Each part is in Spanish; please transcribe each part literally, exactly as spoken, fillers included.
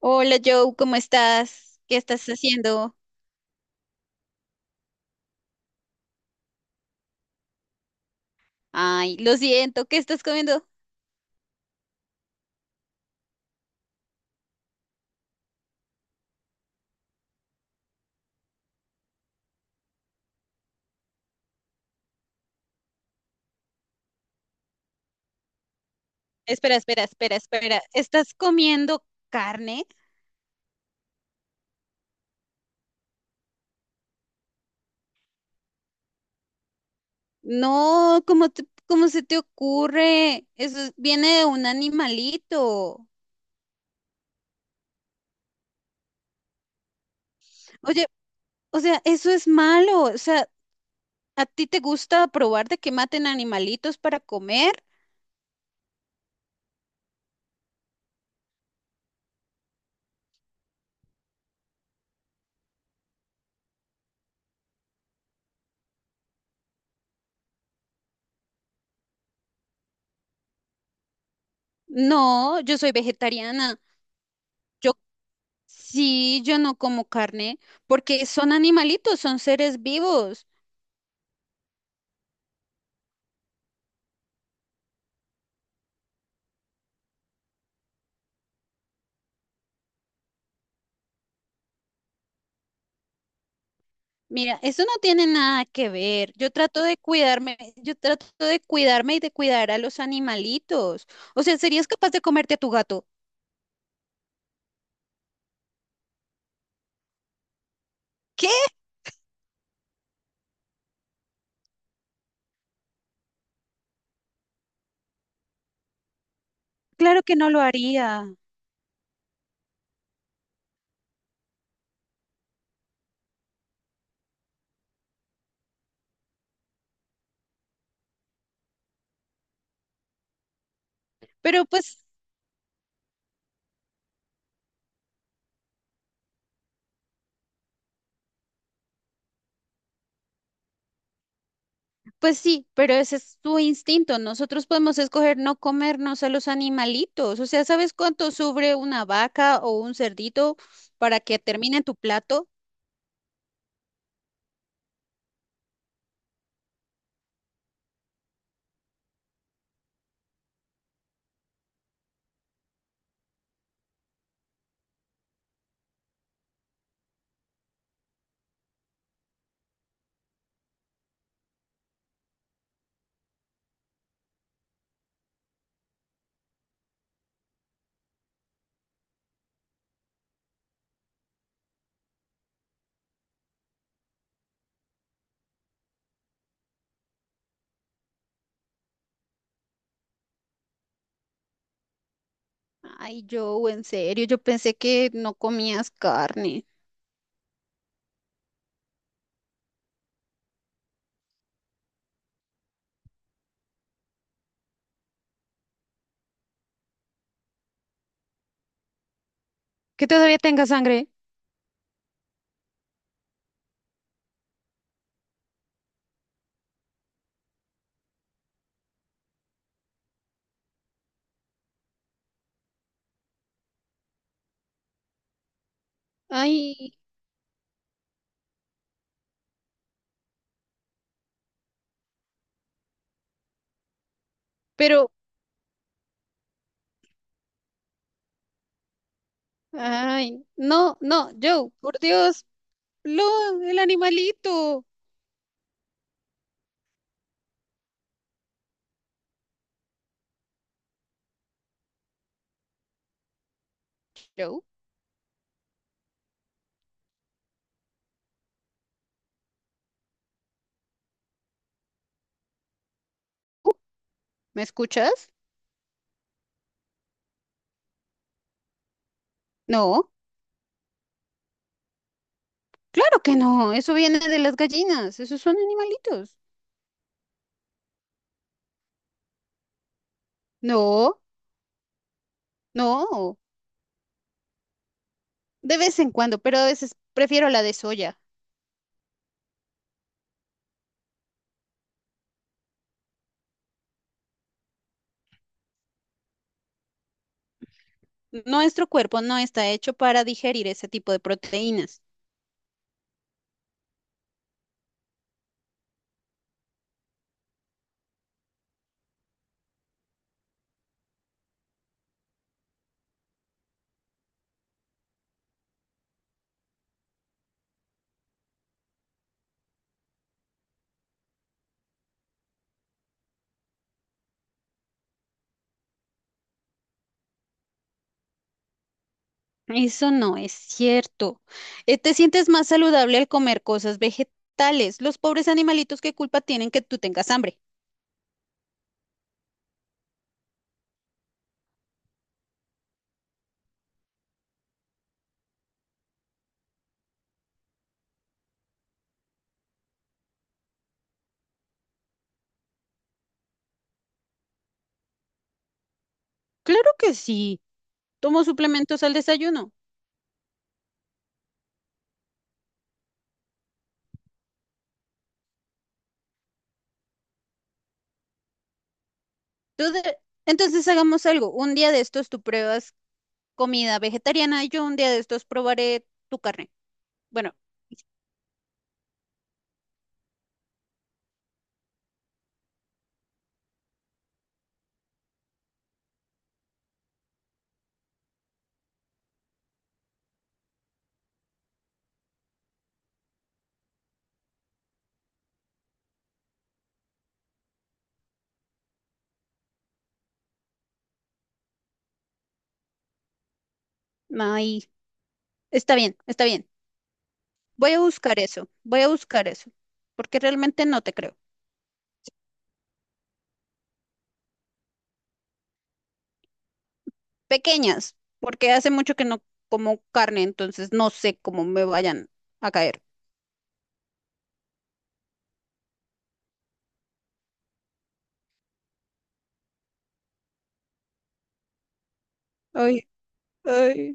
Hola Joe, ¿cómo estás? ¿Qué estás haciendo? Ay, lo siento, ¿qué estás comiendo? Espera, espera, espera, espera. ¿Estás comiendo carne? No, ¿cómo te- ¿cómo se te ocurre? Eso es- viene de un animalito. Oye, o sea, eso es malo. O sea, ¿a ti te gusta probar de que maten animalitos para comer? No, yo soy vegetariana. Yo sí, yo no como carne porque son animalitos, son seres vivos. Mira, eso no tiene nada que ver. Yo trato de cuidarme, yo trato de cuidarme y de cuidar a los animalitos. O sea, ¿serías capaz de comerte a tu gato? ¿Qué? Claro que no lo haría. Pero pues, pues sí, pero ese es tu instinto. Nosotros podemos escoger no comernos a los animalitos. O sea, ¿sabes cuánto sufre una vaca o un cerdito para que termine en tu plato? Ay, yo, en serio, yo pensé que no comías carne. Que todavía tenga sangre. Ay, pero ay, no, no, Joe, por Dios, lo, el animalito. Joe, uh, ¿me escuchas? No, claro que no, eso viene de las gallinas, esos son animalitos. No, no, de vez en cuando, pero a veces prefiero la de soya. Nuestro cuerpo no está hecho para digerir ese tipo de proteínas. Eso no es cierto. Eh, te sientes más saludable al comer cosas vegetales. Los pobres animalitos, ¿qué culpa tienen que tú tengas hambre? Claro que sí, tomo suplementos al desayuno. Tú de- Entonces hagamos algo. Un día de estos tú pruebas comida vegetariana, yo un día de estos probaré tu carne. Bueno, ahí está bien, está bien. Voy a buscar eso, voy a buscar eso, porque realmente no te creo. Pequeñas, porque hace mucho que no como carne, entonces no sé cómo me vayan a caer. Ay, ay.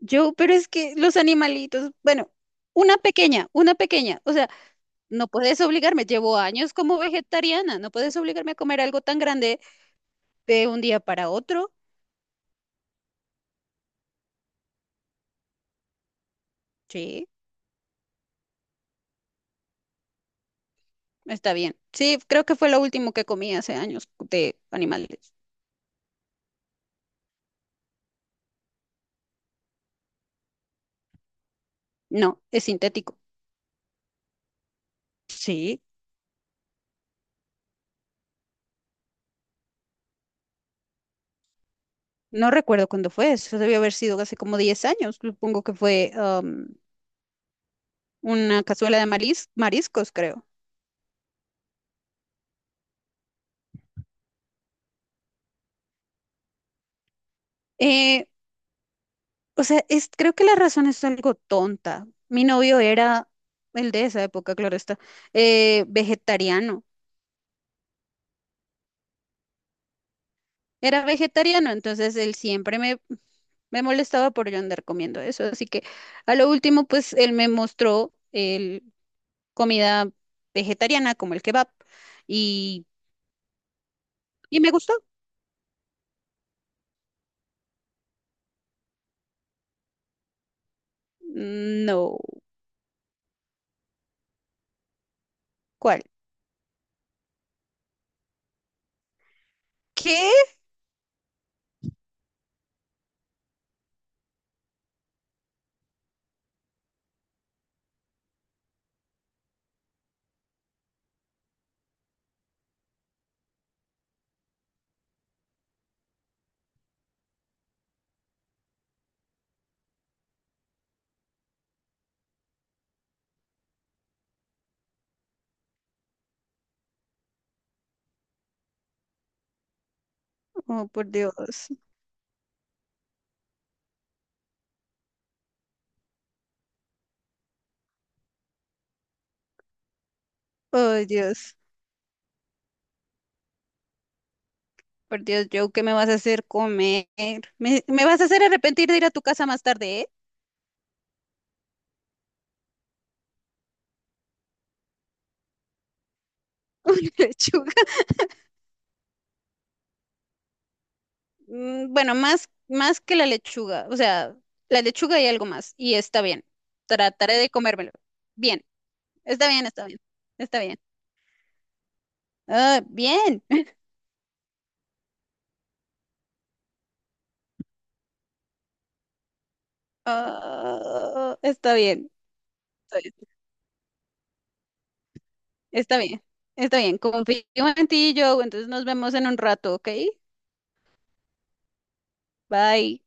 Yo, pero es que los animalitos, bueno, una pequeña, una pequeña, o sea. No puedes obligarme, llevo años como vegetariana, no puedes obligarme a comer algo tan grande de un día para otro. Sí, está bien. Sí, creo que fue lo último que comí hace años de animales. No, es sintético. Sí, no recuerdo cuándo fue, eso debió haber sido hace como diez años, supongo que fue am, una cazuela de maris- mariscos, creo. Eh, o sea, es, creo que la razón es algo tonta. Mi novio era, el de esa época, claro está, eh, vegetariano. Era vegetariano, entonces él siempre me, me molestaba por yo andar comiendo eso. Así que a lo último, pues él me mostró el, comida vegetariana como el kebab y, y me gustó. No, ¿cuál? ¿Qué? Oh, por Dios. Oh, Dios. Por Dios, Joe, ¿qué me vas a hacer comer? ¿Me, me vas a hacer arrepentir de ir a tu casa más tarde, eh? Una lechuga. Mm, bueno, más, más que la lechuga, o sea, la lechuga y algo más, y está bien. Trataré de comérmelo. Bien, está bien, está bien, está bien. Ah, bien. Ah, está bien, está bien, está bien, está bien. Confío en ti, Joe, entonces nos vemos en un rato, ¿ok? Bye.